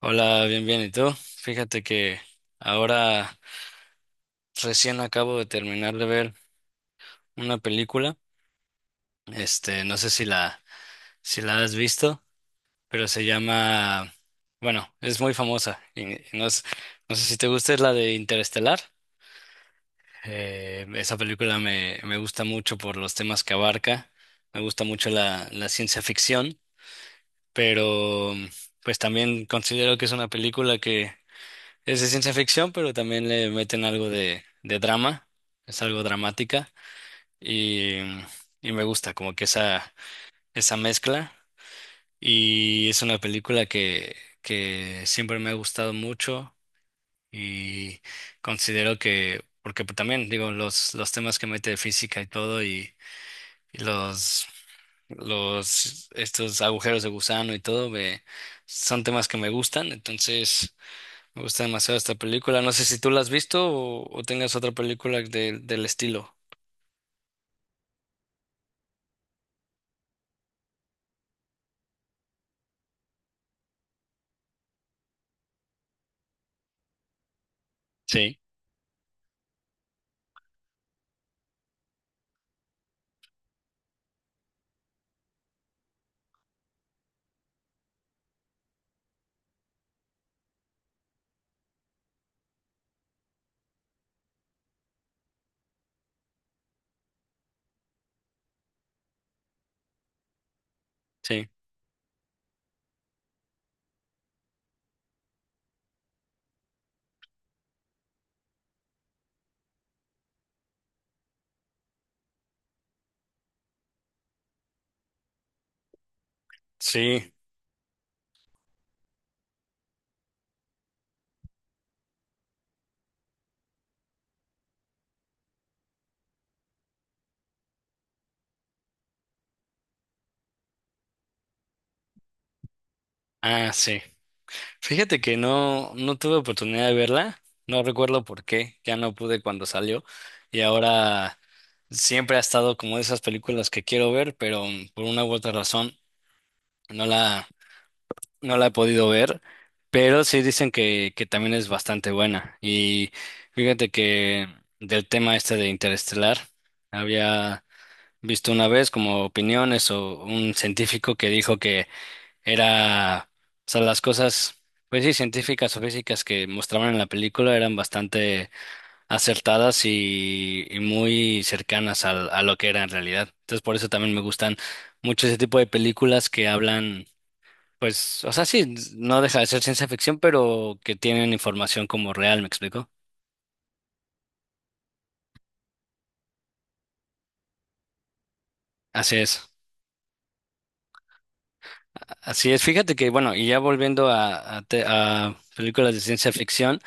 Hola, bien, bien. ¿Y tú? Fíjate que ahora recién acabo de terminar de ver una película. Este, no sé si la has visto, pero se llama, bueno, es muy famosa. Y no, no sé si te gusta, es la de Interestelar. Esa película me gusta mucho por los temas que abarca. Me gusta mucho la ciencia ficción, pero pues también considero que es una película que es de ciencia ficción, pero también le meten algo de drama, es algo dramática y, y me gusta como que esa mezcla y es una película que siempre me ha gustado mucho y considero que, porque también digo, los temas que mete de física y todo y estos agujeros de gusano y todo, son temas que me gustan, entonces. Me gusta demasiado esta película. No sé si tú la has visto o tengas otra película del estilo. Sí, sí, sí. Ah, sí. Fíjate que no, no tuve oportunidad de verla. No recuerdo por qué. Ya no pude cuando salió. Y ahora siempre ha estado como de esas películas que quiero ver, pero por una u otra razón no la, no la he podido ver. Pero sí dicen que también es bastante buena. Y fíjate que del tema este de Interestelar había visto una vez como opiniones o un científico que dijo que era, o sea, las cosas, pues sí, científicas o físicas que mostraban en la película eran bastante acertadas y muy cercanas a, lo que era en realidad. Entonces, por eso también me gustan mucho ese tipo de películas que hablan, pues, o sea, sí, no deja de ser ciencia ficción, pero que tienen información como real, ¿me explico? Así es, así es. Fíjate que, bueno, y ya volviendo a, a películas de ciencia ficción.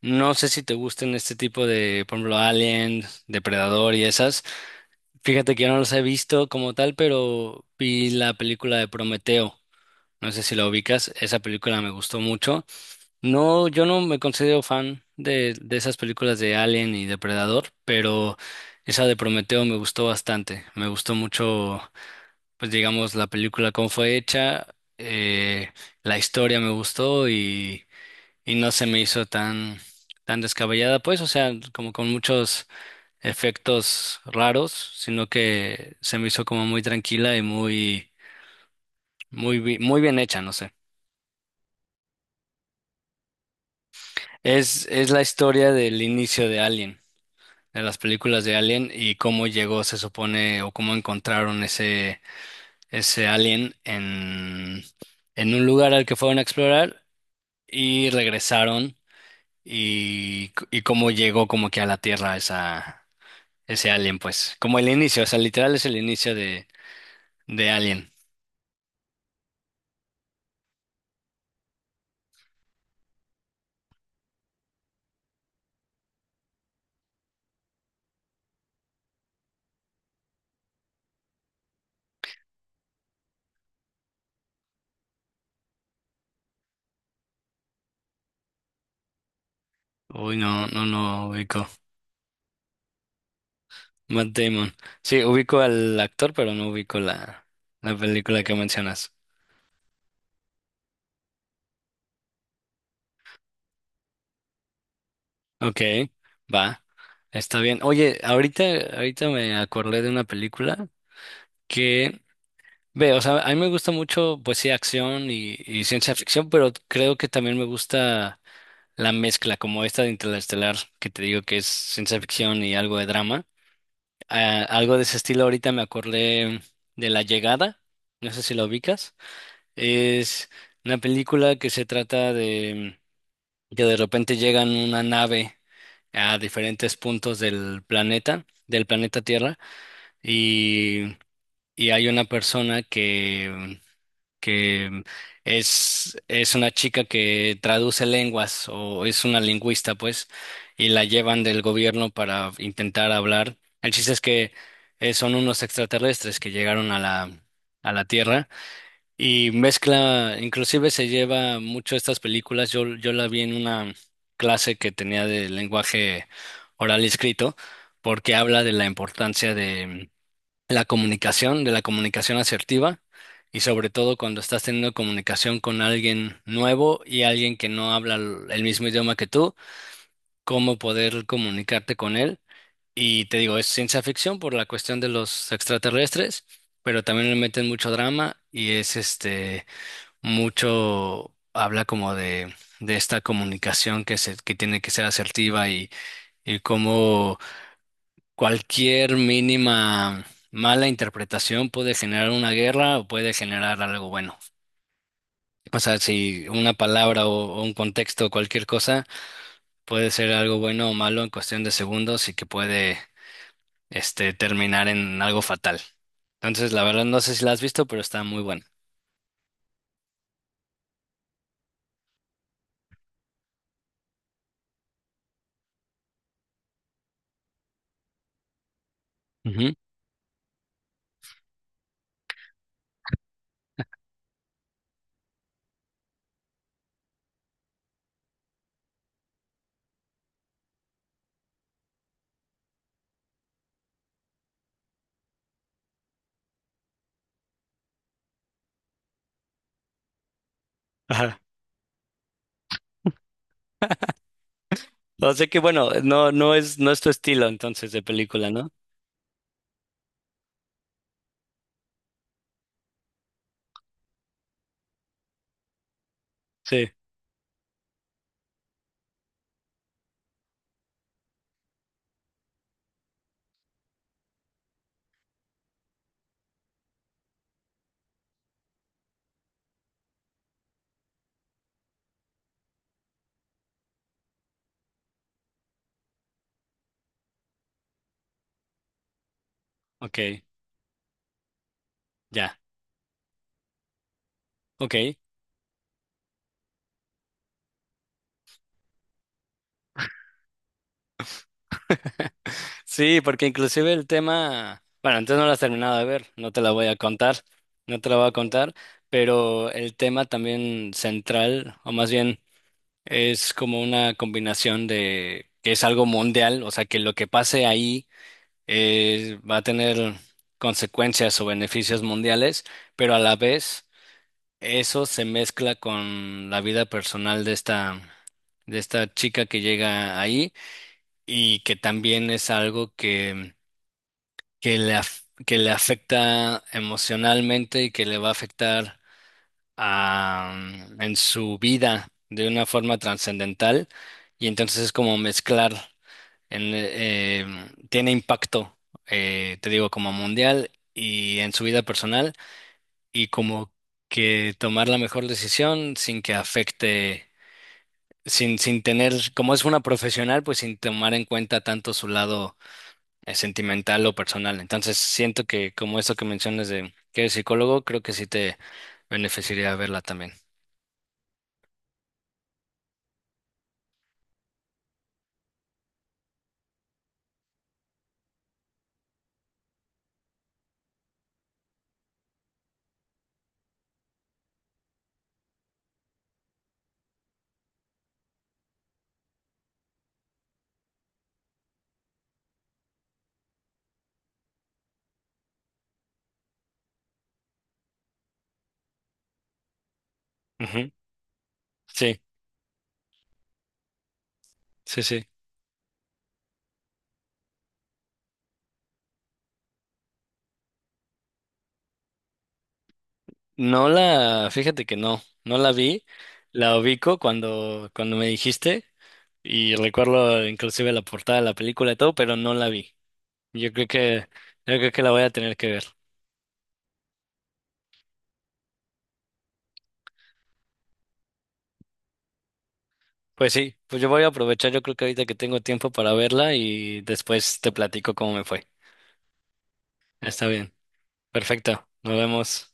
No sé si te gustan este tipo de, por ejemplo, Alien, Depredador y esas. Fíjate que yo no los he visto como tal, pero vi la película de Prometeo. No sé si la ubicas. Esa película me gustó mucho. No, yo no me considero fan de esas películas de Alien y Depredador, pero esa de Prometeo me gustó bastante. Me gustó mucho, pues digamos, la película cómo fue hecha, eh, la historia me gustó y no se me hizo tan, tan descabellada, pues, o sea, como con muchos efectos raros, sino que se me hizo como muy tranquila y muy bien hecha, no sé. Es la historia del inicio de Alien, de las películas de Alien y cómo llegó, se supone, o cómo encontraron ese, ese alien en un lugar al que fueron a explorar y regresaron y, y cómo llegó como que a la Tierra, esa, ese Alien, pues. Como el inicio, o sea, literal es el inicio de Alien. Uy, no, no, no ubico. Matt Damon. Sí, ubico al actor, pero no ubico la, la película que mencionas. Ok, va. Está bien. Oye, ahorita, ahorita me acordé de una película que, ve, o sea, a mí me gusta mucho, pues sí, acción y ciencia ficción, pero creo que también me gusta la mezcla, como esta de Interestelar, que te digo que es ciencia ficción y algo de drama. Algo de ese estilo ahorita me acordé de La Llegada, no sé si la ubicas. Es una película que se trata de que de repente llegan una nave a diferentes puntos del planeta Tierra, y, y hay una persona que es una chica que traduce lenguas o es una lingüista, pues, y la llevan del gobierno para intentar hablar. El chiste es que son unos extraterrestres que llegaron a la Tierra y mezcla, inclusive se lleva mucho estas películas. Yo la vi en una clase que tenía de lenguaje oral y escrito, porque habla de la importancia la comunicación, de la comunicación asertiva y sobre todo cuando estás teniendo comunicación con alguien nuevo y alguien que no habla el mismo idioma que tú, cómo poder comunicarte con él. Y te digo, es ciencia ficción por la cuestión de los extraterrestres, pero también le meten mucho drama y es este mucho habla como de esta comunicación que tiene que ser asertiva y cómo cualquier mínima mala interpretación puede generar una guerra o puede generar algo bueno. O sea, si una palabra o un contexto o cualquier cosa puede ser algo bueno o malo en cuestión de segundos y que puede terminar en algo fatal. Entonces, la verdad no sé si la has visto, pero está muy buena. Ujú. Ajá. O sea que bueno, no, no es, no es tu estilo entonces de película, ¿no? Sí. Ok, ya. Ok. Sí, porque inclusive el tema, bueno, entonces no lo has terminado de ver, no te la voy a contar, no te la voy a contar, pero el tema también central, o más bien es como una combinación de que es algo mundial, o sea, que lo que pase ahí va a tener consecuencias o beneficios mundiales, pero a la vez eso se mezcla con la vida personal de esta chica que llega ahí y que también es algo que le afecta emocionalmente y que le va a afectar a, en su vida de una forma trascendental. Y entonces es como mezclar, tiene impacto, te digo, como mundial y en su vida personal y como que tomar la mejor decisión sin que afecte. Sin tener, como es una profesional, pues sin tomar en cuenta tanto su lado sentimental o personal. Entonces, siento que como eso que mencionas de que eres psicólogo, creo que sí te beneficiaría verla también. Ujú. Sí, sí, sí. No la, fíjate que no, no la vi, la ubico cuando, cuando me dijiste y recuerdo inclusive la portada de la película y todo, pero no la vi. Yo creo que, yo creo que la voy a tener que ver. Pues sí, pues yo voy a aprovechar, yo creo que ahorita que tengo tiempo para verla y después te platico cómo me fue. Está bien, perfecto, nos vemos.